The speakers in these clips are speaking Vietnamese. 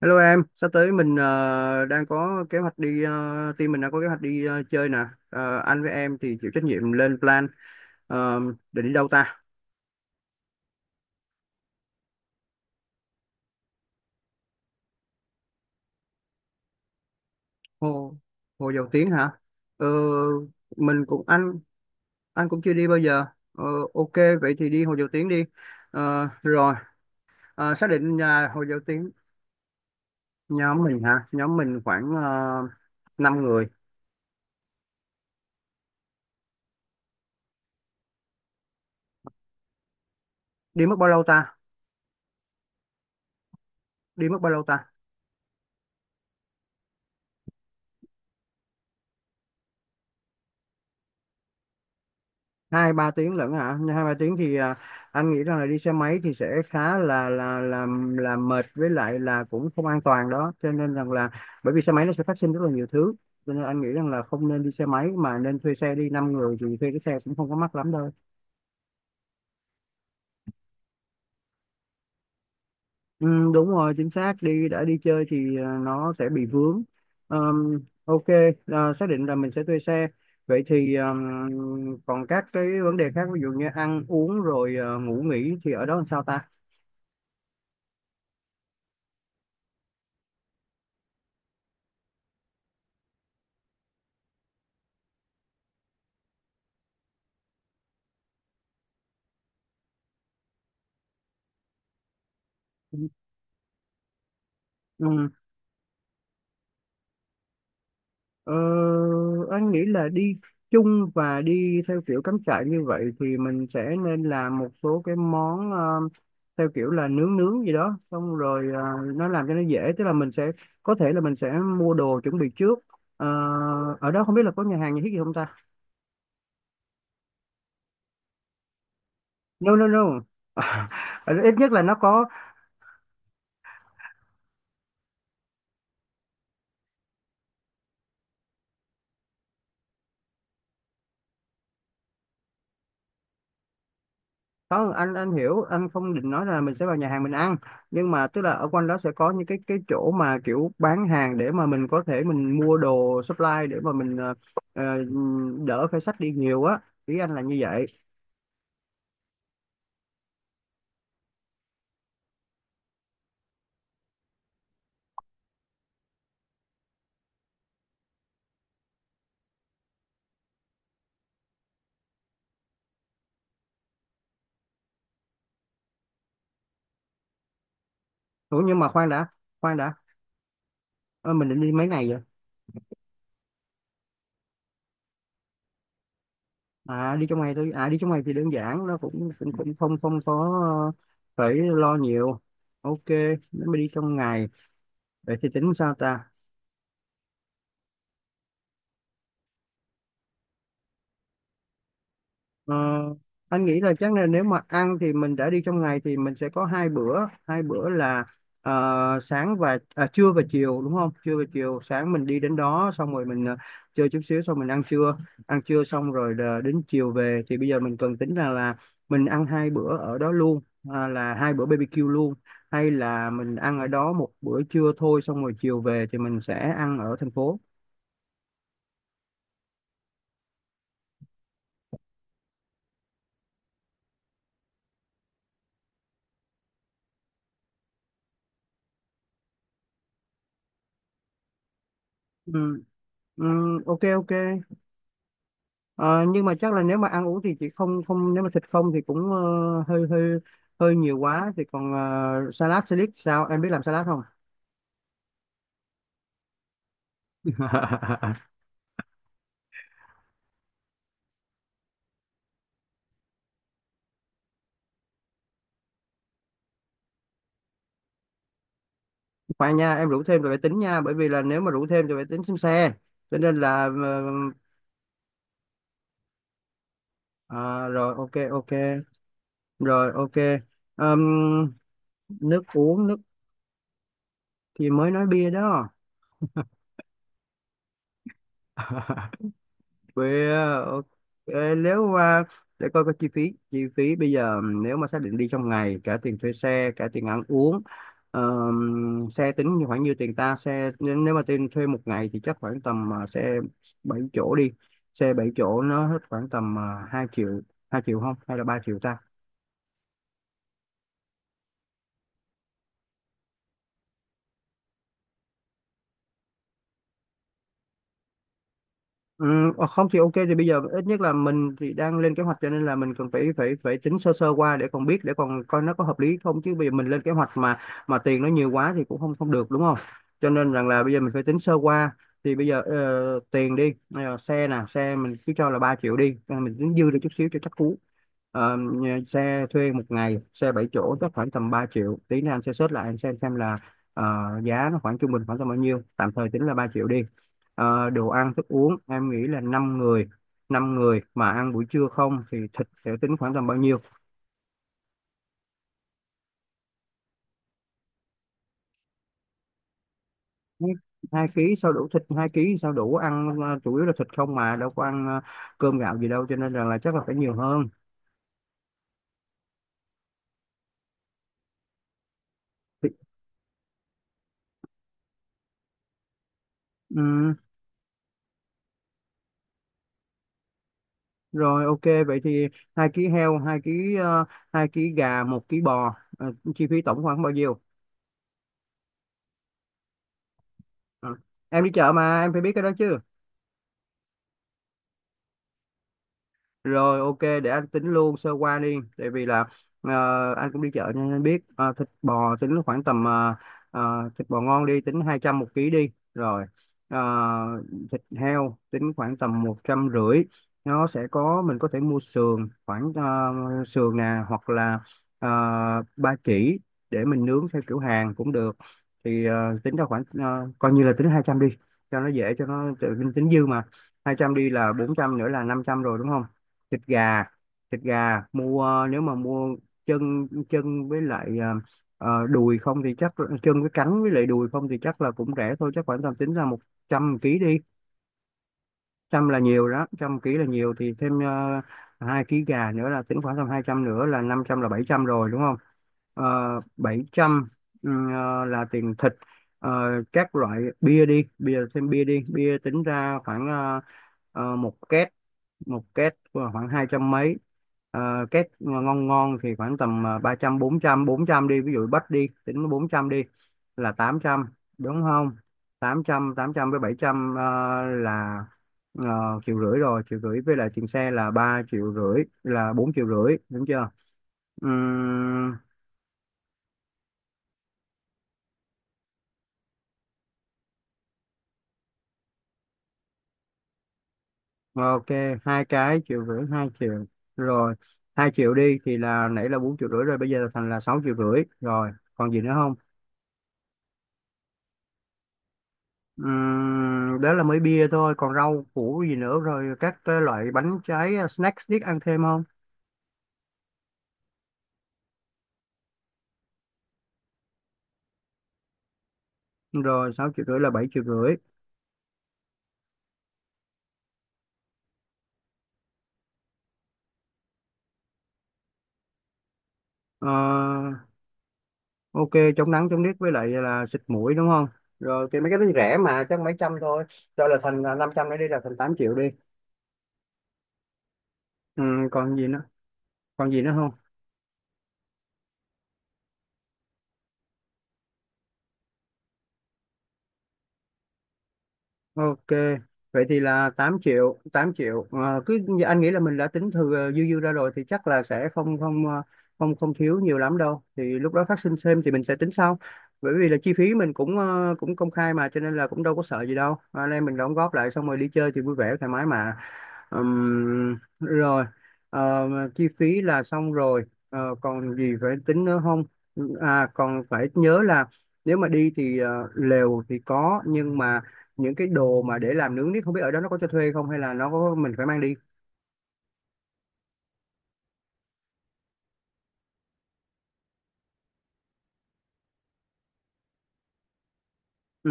Hello em, sắp tới mình đang có kế hoạch đi, team mình đang có kế hoạch đi chơi nè. Anh với em thì chịu trách nhiệm lên plan Ờ, để đi đâu ta? Hồ Hồ Dầu Tiếng hả? Ờ, mình cũng anh cũng chưa đi bao giờ. Ờ, ok, vậy thì đi Hồ Dầu Tiếng đi. Rồi, xác định nhà Hồ Dầu Tiếng. Nhóm mình hả? Nhóm mình khoảng uh, 5 người. Đi mất bao lâu ta? Đi mất bao lâu ta? 2-3 tiếng lận hả? 2-3 tiếng thì anh nghĩ rằng là đi xe máy thì sẽ khá là mệt, với lại là cũng không an toàn đó, cho nên rằng là bởi vì xe máy nó sẽ phát sinh rất là nhiều thứ, cho nên anh nghĩ rằng là không nên đi xe máy mà nên thuê xe. Đi 5 người thì thuê cái xe cũng không có mắc lắm đâu. Ừ, đúng rồi, chính xác, đi, đã đi chơi thì nó sẽ bị vướng. Ok, xác định là mình sẽ thuê xe. Vậy thì, còn các cái vấn đề khác ví dụ như ăn uống rồi ngủ nghỉ thì ở đó làm sao ta? Ừ. Ừ. Ờ, anh nghĩ là đi chung và đi theo kiểu cắm trại như vậy thì mình sẽ nên làm một số cái món, theo kiểu là nướng nướng gì đó xong rồi, nó làm cho nó dễ, tức là mình sẽ có thể là mình sẽ mua đồ chuẩn bị trước. Ờ, Ở đó không biết là có nhà hàng nhà thiết gì không ta? No no no. Ờ, ít nhất là nó có. Không, anh, anh hiểu, anh không định nói là mình sẽ vào nhà hàng mình ăn, nhưng mà tức là ở quanh đó sẽ có những cái chỗ mà kiểu bán hàng để mà mình có thể mình mua đồ supply để mà mình ờ, đỡ phải xách đi nhiều á. Ý anh là như vậy. Ủa nhưng mà khoan đã, khoan đã. Ờ, mình định đi mấy ngày vậy? À, đi trong ngày thôi à, đi trong ngày thì đơn giản, nó cũng cũng, cũng không không có ờ, phải lo nhiều. Ok. Nếu mà đi trong ngày vậy thì tính sao ta? Ờ, anh nghĩ là chắc là nếu mà ăn thì mình đã đi trong ngày thì mình sẽ có hai bữa. Hai bữa là sáng và trưa và chiều đúng không? Trưa và chiều. Sáng mình đi đến đó xong rồi mình chơi chút xíu xong mình ăn trưa. Ăn trưa xong rồi là đến chiều về. Thì bây giờ mình cần tính ra là mình ăn hai bữa ở đó luôn, là hai bữa BBQ luôn, hay là mình ăn ở đó một bữa trưa thôi xong rồi chiều về thì mình sẽ ăn ở thành phố. Ừ, ừ, ok ok. Ờ, nhưng mà chắc là nếu mà ăn uống thì chị không, không, nếu mà thịt không thì cũng hơi hơi hơi nhiều quá thì còn, salad, salad sao, em biết làm salad không? Khoan nha, em rủ thêm rồi phải tính nha, bởi vì là nếu mà rủ thêm thì phải tính xem xe, cho nên là ờ, rồi, ok ok. Rồi, ok. Ờm, Nước uống, nước thì mới nói bia đó. Bia, ok. Nếu mà để coi cái chi phí bây giờ, nếu mà xác định đi trong ngày cả tiền thuê xe cả tiền ăn uống, xe tính như khoảng như tiền ta xe, nên nếu mà tiền thuê một ngày thì chắc khoảng tầm, xe 7 chỗ đi. Xe 7 chỗ nó hết khoảng tầm 2 triệu, 2 triệu không hay là 3 triệu ta? Ừ, không thì ok, thì bây giờ ít nhất là mình thì đang lên kế hoạch cho nên là mình cần phải phải phải tính sơ sơ qua để còn biết, để còn coi nó có hợp lý không, chứ bây giờ mình lên kế hoạch mà tiền nó nhiều quá thì cũng không không được đúng không? Cho nên rằng là bây giờ mình phải tính sơ qua. Thì bây giờ tiền đi xe nè, xe mình cứ cho là 3 triệu đi. Ờ, mình tính dư được chút xíu cho chắc cú. Xe thuê một ngày, xe 7 chỗ chắc khoảng tầm 3 triệu, tí nữa anh sẽ search lại, anh xem là ờ, giá nó khoảng trung bình khoảng tầm bao nhiêu. Tạm thời tính là 3 triệu đi. Đồ ăn thức uống em nghĩ là 5 người. Năm người mà ăn buổi trưa không thì thịt sẽ tính khoảng tầm bao nhiêu? Hai hai ký sao đủ, thịt hai ký sao đủ ăn, chủ yếu là thịt không mà đâu có ăn cơm gạo gì đâu, cho nên rằng là chắc là phải nhiều hơn. Thì- ừm, rồi ok, vậy thì 2 ký heo, 2 ký 2 ký gà, 1 ký bò. Ờ, chi phí tổng khoảng bao nhiêu? Ờ, em đi chợ mà em phải biết cái đó chứ. Rồi ok, để anh tính luôn sơ qua đi, tại vì là ờ, anh cũng đi chợ nên anh biết. Ờ, thịt bò tính khoảng tầm thịt bò ngon đi, tính 200 một ký đi, rồi ờ, thịt heo tính khoảng tầm 150, nó sẽ có mình có thể mua sườn khoảng sườn nè, hoặc là ờ, ba chỉ, để mình nướng theo kiểu Hàn cũng được. Thì tính ra khoảng coi như là tính 200 đi, cho nó dễ, cho nó tính dư mà. Hai trăm đi là 400, nữa là 500 rồi đúng không? Thịt gà, thịt gà mua, nếu mà mua chân chân với lại đùi không thì chắc, chân với cánh với lại đùi không thì chắc là cũng rẻ thôi, chắc khoảng tầm tính ra 100 ký đi. Trăm là nhiều đó, trăm ký là nhiều thì thêm 2 ký gà nữa là tính khoảng tầm 200, nữa là năm trăm, là 700 rồi đúng không? 700, là tiền thịt. Ờ, các loại bia đi, bia, thêm bia đi. Bia tính ra khoảng một két. Một két khoảng 200 mấy. Két ngon ngon thì khoảng tầm 300, 400, 400 đi, ví dụ bách đi, tính 400 đi là 800 đúng không? 800, 800 với 700 là 1,5 triệu rồi. 1,5 triệu với lại tiền xe là 3,5 triệu là 4,5 triệu đúng chưa? Ừm, ok, hai cái triệu rưỡi, 2 triệu rồi. 2 triệu đi thì là nãy là 4,5 triệu rồi, bây giờ thành là 6,5 triệu rồi. Còn gì nữa không? Đó là mới bia thôi, còn rau củ gì nữa rồi các cái loại bánh trái, snack snack ăn thêm không? Rồi 6,5 triệu là 7,5 triệu. Ờ, ok, chống nắng chống nước với lại là xịt mũi đúng không? Rồi thì mấy cái đó thì rẻ mà, chắc mấy trăm thôi. Rồi là thành 500 nữa đi là thành 8 triệu đi. Còn gì nữa? Còn gì nữa không? Ok, vậy thì là 8 triệu, 8 triệu. Cứ anh nghĩ là mình đã tính thừa, dư dư ra rồi thì chắc là sẽ không không không không thiếu nhiều lắm đâu. Thì lúc đó phát sinh thêm thì mình sẽ tính sau. Bởi vì là chi phí mình cũng, cũng công khai mà, cho nên là cũng đâu có sợ gì đâu. Ờ, Anh em mình đóng góp lại xong rồi đi chơi thì vui vẻ thoải mái mà. Rồi. Ờ, chi phí là xong rồi. Còn gì phải tính nữa không? À, còn phải nhớ là nếu mà đi thì lều thì có, nhưng mà những cái đồ mà để làm nướng thì không biết ở đó nó có cho thuê không, hay là nó có mình phải mang đi. Ừ.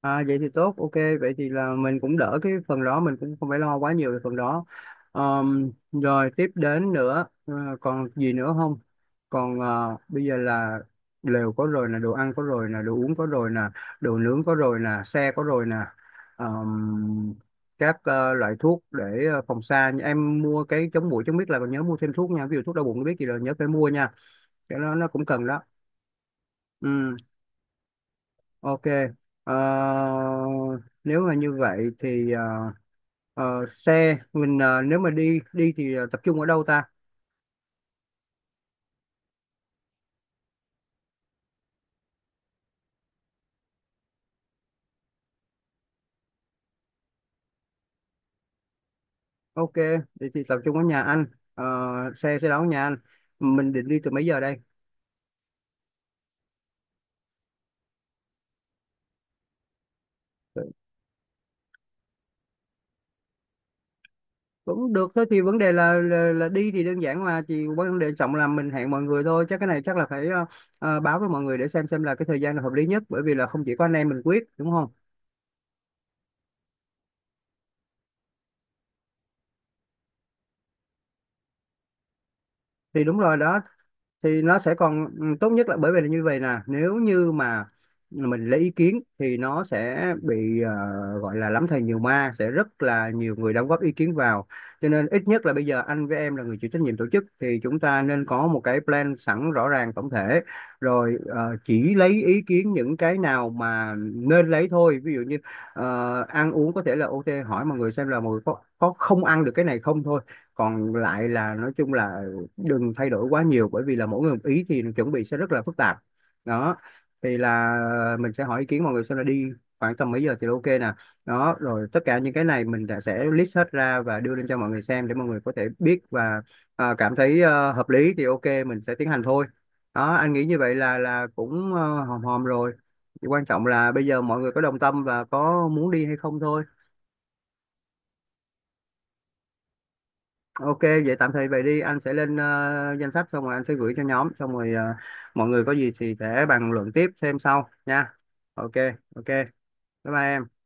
vậy thì tốt, ok. Vậy thì là mình cũng đỡ cái phần đó, mình cũng không phải lo quá nhiều về phần đó. Rồi tiếp đến nữa còn gì nữa không? Còn bây giờ là lều có rồi nè, đồ ăn có rồi nè, đồ uống có rồi nè, đồ nướng có rồi nè, xe có rồi nè. Ờm, các loại thuốc để phòng xa, em mua cái chống muỗi chống biết, là còn nhớ mua thêm thuốc nha, ví dụ thuốc đau bụng biết gì rồi nhớ phải mua nha, cái đó nó cũng cần đó. Ừ. Ok. Ờ, nếu mà như vậy thì xe mình, nếu mà đi đi thì tập trung ở đâu ta? Ok, thì tập trung ở nhà anh. Ờ, xe sẽ đón nhà anh. Mình định đi từ mấy giờ đây? Cũng được thôi, thì vấn đề là, là đi thì đơn giản mà, chỉ vấn đề trọng là mình hẹn mọi người thôi. Chắc cái này chắc là phải báo với mọi người để xem là cái thời gian là hợp lý nhất, bởi vì là không chỉ có anh em mình quyết đúng không? Thì đúng rồi đó, thì nó sẽ còn, ừ, tốt nhất là bởi vì là như vậy nè, nếu như mà mình lấy ý kiến thì nó sẽ bị, gọi là lắm thầy nhiều ma, sẽ rất là nhiều người đóng góp ý kiến vào. Cho nên ít nhất là bây giờ anh với em là người chịu trách nhiệm tổ chức thì chúng ta nên có một cái plan sẵn rõ ràng tổng thể, rồi chỉ lấy ý kiến những cái nào mà nên lấy thôi. Ví dụ như ăn uống có thể là ok, hỏi mọi người xem là mọi người có không ăn được cái này không thôi. Còn lại là nói chung là đừng thay đổi quá nhiều, bởi vì là mỗi người một ý thì chuẩn bị sẽ rất là phức tạp. Đó thì là mình sẽ hỏi ý kiến mọi người xem là đi khoảng tầm mấy giờ thì ok nè. Đó rồi tất cả những cái này mình đã sẽ list hết ra và đưa lên cho mọi người xem, để mọi người có thể biết và cảm thấy hợp lý thì ok, mình sẽ tiến hành thôi. Đó anh nghĩ như vậy là cũng hòm hòm rồi. Thì quan trọng là bây giờ mọi người có đồng tâm và có muốn đi hay không thôi. Ok, vậy tạm thời vậy đi, anh sẽ lên danh sách xong rồi anh sẽ gửi cho nhóm, xong rồi mọi người có gì thì sẽ bàn luận tiếp thêm sau nha. Ok, ok. Bye bye em.